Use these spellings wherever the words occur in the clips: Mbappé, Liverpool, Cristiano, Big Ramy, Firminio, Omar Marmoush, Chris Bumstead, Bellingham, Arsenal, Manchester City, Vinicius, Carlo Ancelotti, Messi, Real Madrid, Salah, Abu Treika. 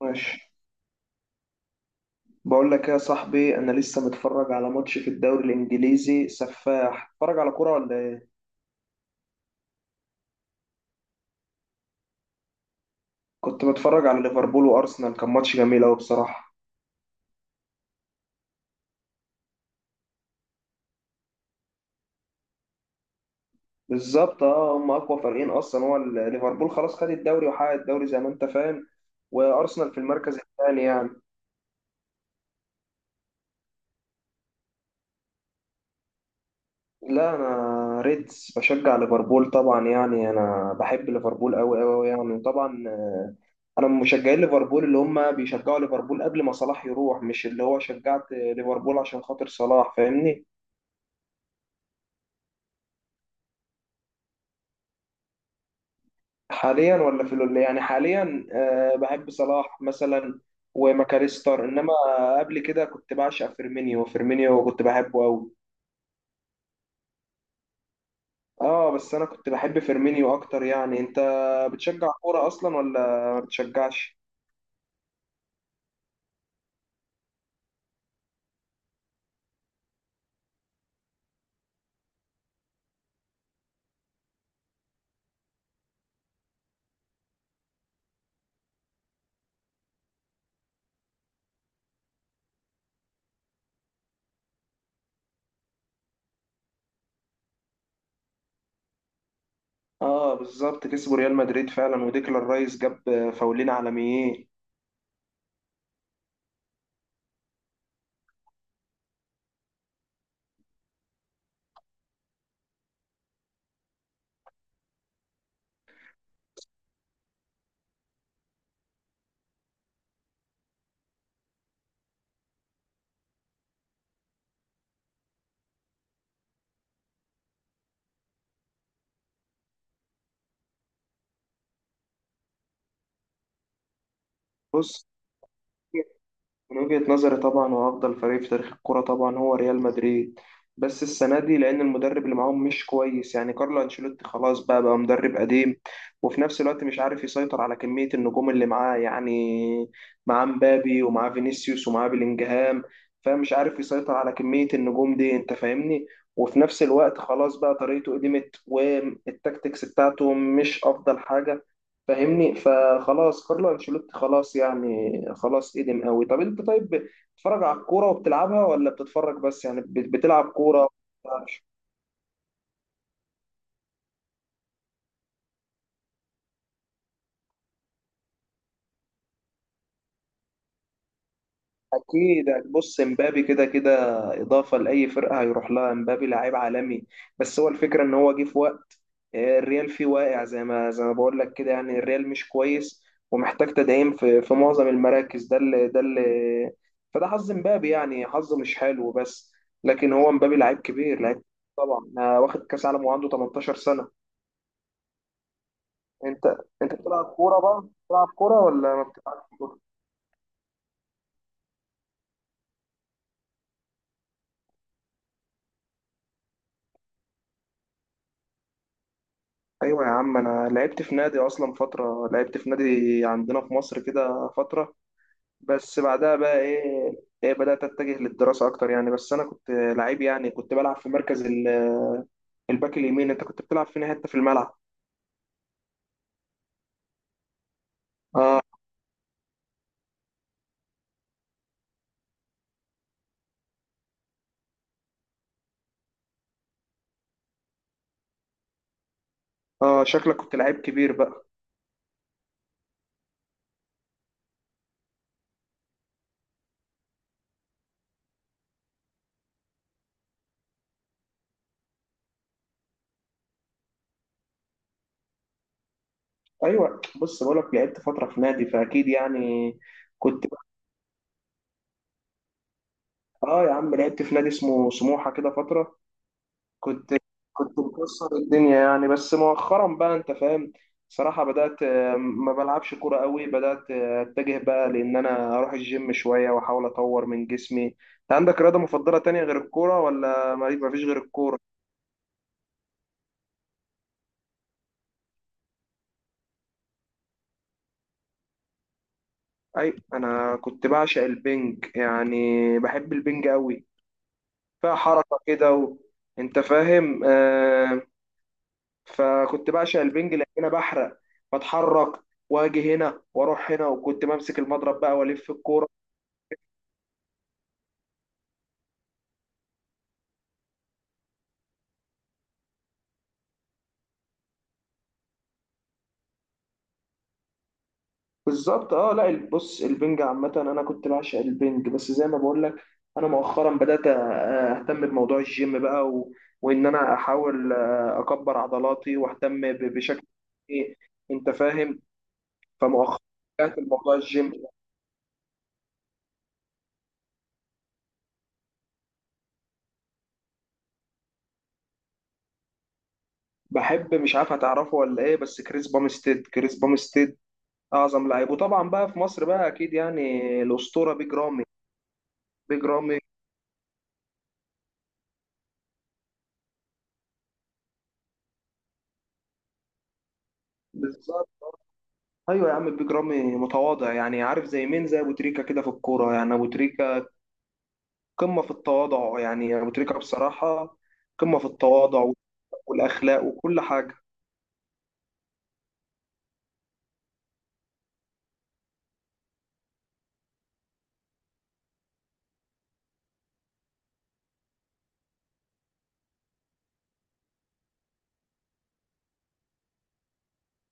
ماشي. بقول لك يا صاحبي، انا لسه متفرج على ماتش في الدوري الانجليزي، سفاح. اتفرج على كوره ولا ايه؟ كنت بتفرج على ليفربول وارسنال، كان ماتش جميل قوي بصراحه. بالظبط، اه، هم اقوى فريقين اصلا. هو ليفربول خلاص خد الدوري وحقق الدوري، زي ما انت فاهم. وارسنال في المركز الثاني يعني. لا، انا ريدز، بشجع ليفربول طبعا، يعني انا بحب ليفربول قوي قوي يعني طبعا. انا من مشجعين ليفربول اللي هم بيشجعوا ليفربول قبل ما صلاح يروح، مش اللي هو شجعت ليفربول عشان خاطر صلاح، فاهمني؟ حاليا، ولا في يعني حاليا بحب صلاح مثلا وماكاريستر، انما قبل كده كنت بعشق فيرمينيو فيرمينيو، كنت بحبه قوي. اه، بس انا كنت بحب فيرمينيو اكتر يعني. انت بتشجع كوره اصلا ولا ما بتشجعش؟ اه بالظبط، كسبوا ريال مدريد فعلا، وديكلان رايس جاب فاولين عالميين. بص، من وجهة نظري طبعا هو أفضل فريق في تاريخ الكرة طبعا، هو ريال مدريد. بس السنة دي لأن المدرب اللي معاهم مش كويس، يعني كارلو أنشيلوتي خلاص، بقى مدرب قديم. وفي نفس الوقت مش عارف يسيطر على كمية النجوم اللي معاه، يعني معاه مبابي ومعاه فينيسيوس ومعاه بلينجهام. فمش عارف يسيطر على كمية النجوم دي، أنت فاهمني. وفي نفس الوقت خلاص بقى، طريقته قدمت والتكتكس بتاعته مش أفضل حاجة، فاهمني. فخلاص كارلو انشيلوتي خلاص يعني، خلاص قدم قوي. طب انت، طيب، بتتفرج على الكوره وبتلعبها ولا بتتفرج بس؟ يعني بتلعب كوره؟ اكيد. بص، امبابي كده كده اضافه لاي فرقه هيروح لها، امبابي لعيب عالمي. بس هو الفكره ان هو جه في وقت الريال فيه واقع، زي ما بقول لك كده يعني الريال مش كويس، ومحتاج تدعيم في معظم المراكز، ده اللي فده حظ امبابي، يعني حظه مش حلو بس. لكن هو امبابي لعيب كبير، لعيب طبعا. واخد كاس عالم وعنده 18 سنه. انت بتلعب كوره بقى؟ بتلعب كوره ولا ما بتلعبش؟ ايوه يا عم، انا لعبت في نادي اصلا فتره، لعبت في نادي عندنا في مصر كده فتره. بس بعدها بقى ايه، بدات اتجه للدراسه اكتر يعني. بس انا كنت لعيب يعني، كنت بلعب في مركز الباك اليمين. انت كنت بتلعب فين حته في الملعب؟ اه، اه، شكلك كنت لعيب كبير بقى. ايوه، بص بقولك، لعبت فتره في نادي فاكيد يعني كنت. اه يا عم، لعبت في نادي اسمه سموحه كده فتره. كنت كنت مكسر الدنيا يعني. بس مؤخرا بقى، انت فاهم، صراحة بدأت ما بلعبش كورة قوي. بدأت اتجه بقى، لان انا اروح الجيم شوية واحاول اطور من جسمي. انت عندك رياضة مفضلة تانية غير الكورة ولا ما فيش غير الكورة؟ اي، انا كنت بعشق البنج، يعني بحب البنج قوي، فيها حركة كده، انت فاهم. فكنت بعشق البنج لان انا بحرق، بتحرك، واجي هنا واروح هنا، وكنت بمسك المضرب بقى والف الكورة. بالظبط. اه لا، بص البنج عامة انا كنت بعشق البنج، بس زي ما بقول لك، انا مؤخرا بدأت اهتم بموضوع الجيم بقى، وان انا احاول اكبر عضلاتي واهتم بشكل ايه، انت فاهم. فمؤخرا بدأت بموضوع الجيم. بحب، مش عارف هتعرفه ولا ايه، بس كريس بامستيد كريس بامستيد، اعظم لعيب. وطبعا بقى في مصر بقى، اكيد يعني الاسطورة بيج رامي، بيج رامي. بالظبط. ايوه يا عم، بيج رامي متواضع يعني. عارف زي مين؟ زي ابو تريكة كده في الكورة يعني. ابو تريكة قمة في التواضع يعني، أبو تريكة بصراحة قمة في التواضع والأخلاق وكل حاجة.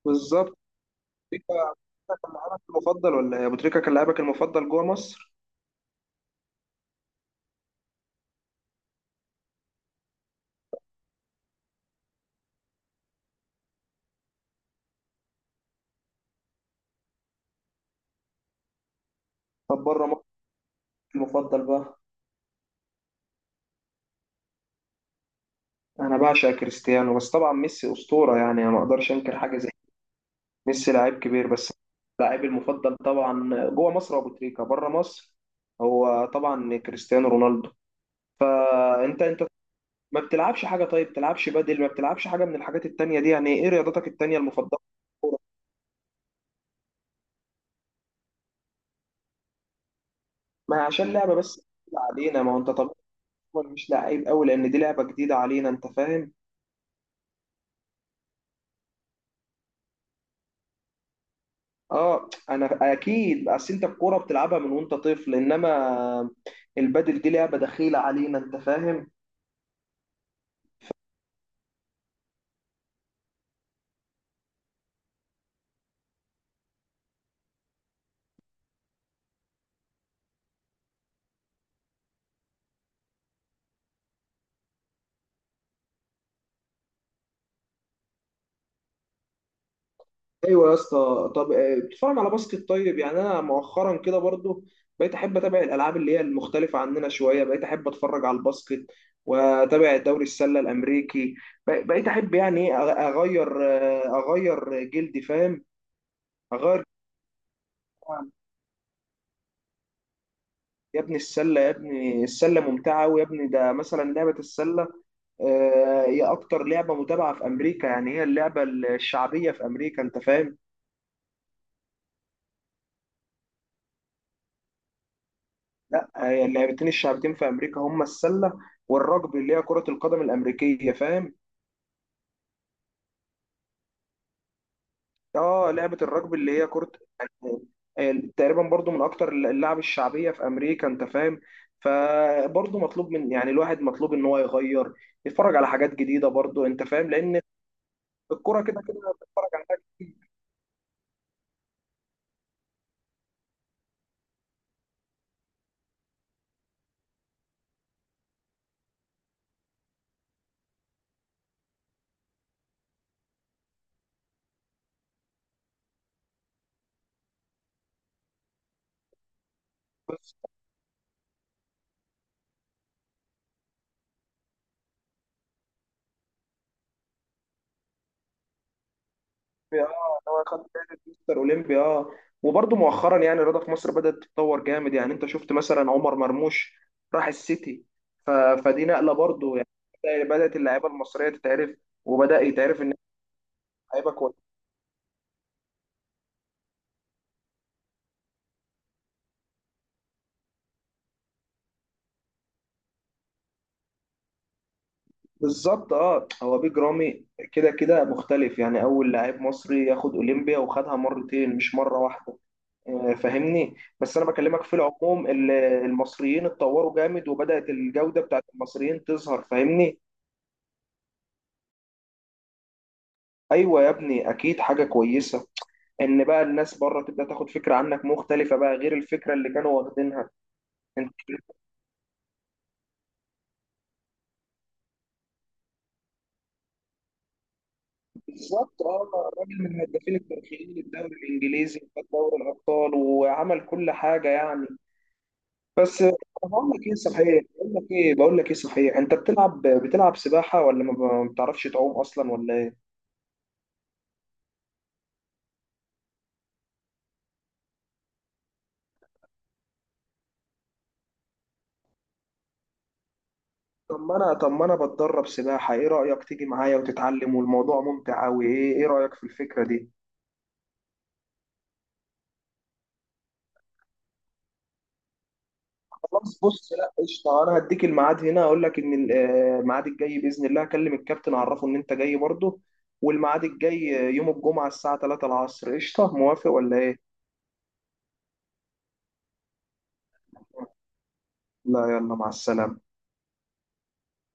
بالظبط، تريكة كان لاعبك المفضل ولا إيه؟ أبو تريكة كان لاعبك المفضل جوه مصر؟ طب بره مصر المفضل بقى؟ أنا بعشق كريستيانو، بس طبعا ميسي أسطورة، يعني أنا ما أقدرش أنكر حاجة زي دي. ميسي لعيب كبير بس. لاعبي المفضل طبعا جوه مصر أبو تريكة، بره مصر هو طبعا كريستيانو رونالدو. فأنت ما بتلعبش حاجة؟ طيب بتلعبش بدل، ما بتلعبش حاجة من الحاجات التانية دي؟ يعني ايه رياضتك التانية المفضلة؟ ما عشان لعبة بس جديدة علينا، ما هو انت طبيعي. هو مش لعيب قوي لان دي لعبة جديدة علينا، انت فاهم؟ اه، انا اكيد، اصل انت الكورة بتلعبها من وانت طفل، انما البدل دي لعبة دخيلة علينا، انت فاهم؟ ايوه يا اسطى. طب بتتفرج على باسكت طيب؟ يعني انا مؤخرا كده برضو بقيت احب اتابع الالعاب اللي هي المختلفه عننا شويه، بقيت احب اتفرج على الباسكت واتابع دوري السله الامريكي. بقيت احب، يعني إيه، اغير اغير جلدي، فاهم؟ اغير يا ابني السله، يا ابني السله ممتعه، ويا ابني ده مثلا لعبه السله. هي اكتر لعبه متابعه في امريكا، يعني هي اللعبه الشعبيه في امريكا، انت فاهم. لا، هي اللعبتين الشعبتين في امريكا هما السله والرجبي، اللي هي كره القدم الامريكيه، فاهم. اه، لعبه الرجبي اللي هي كره يعني تقريبا برضو من اكتر اللعب الشعبيه في امريكا، انت فاهم. فبرضو مطلوب من، يعني الواحد مطلوب ان هو يغير، يتفرج على حاجات جديده برضو، انت فاهم، لان الكره كده كده بتتفرج على حاجات كتير. اولمبي، اه هو خد جائزه مستر اولمبي، اه. وبرضه مؤخرا يعني الرياضه في مصر بدات تتطور جامد. يعني انت شفت مثلا عمر مرموش راح السيتي، ف... فدي نقله برضه، يعني بدات اللعيبه المصريه تتعرف، وبدا يتعرف ان لعيبه كويسه. بالظبط، اه هو بيج رامي كده كده مختلف يعني، اول لاعب مصري ياخد اولمبيا وخدها مرتين مش مره واحده. فاهمني. بس انا بكلمك في العموم، المصريين اتطوروا جامد، وبدات الجوده بتاعت المصريين تظهر، فاهمني. ايوه يا ابني، اكيد حاجه كويسه، ان بقى الناس بره تبدا تاخد فكره عنك مختلفه بقى غير الفكره اللي كانوا واخدينها. انت بالظبط. اه راجل من الهدافين التاريخيين للدوري الانجليزي، وخد دوري الابطال وعمل كل حاجه يعني. بس، بقول لك ايه صحيح، بقول لك ايه صحيح، انت بتلعب سباحه، ولا ما بتعرفش تعوم اصلا ولا ايه؟ طب ما انا بتدرب سباحه. ايه رايك تيجي معايا وتتعلم؟ والموضوع ممتع قوي. ايه رايك في الفكره دي؟ خلاص، بص لا قشطه، انا هديك الميعاد هنا، اقول لك ان الميعاد الجاي باذن الله اكلم الكابتن اعرفه ان انت جاي برضه. والميعاد الجاي يوم الجمعه الساعه 3 العصر. قشطه، موافق ولا ايه؟ لا، يلا مع السلامه.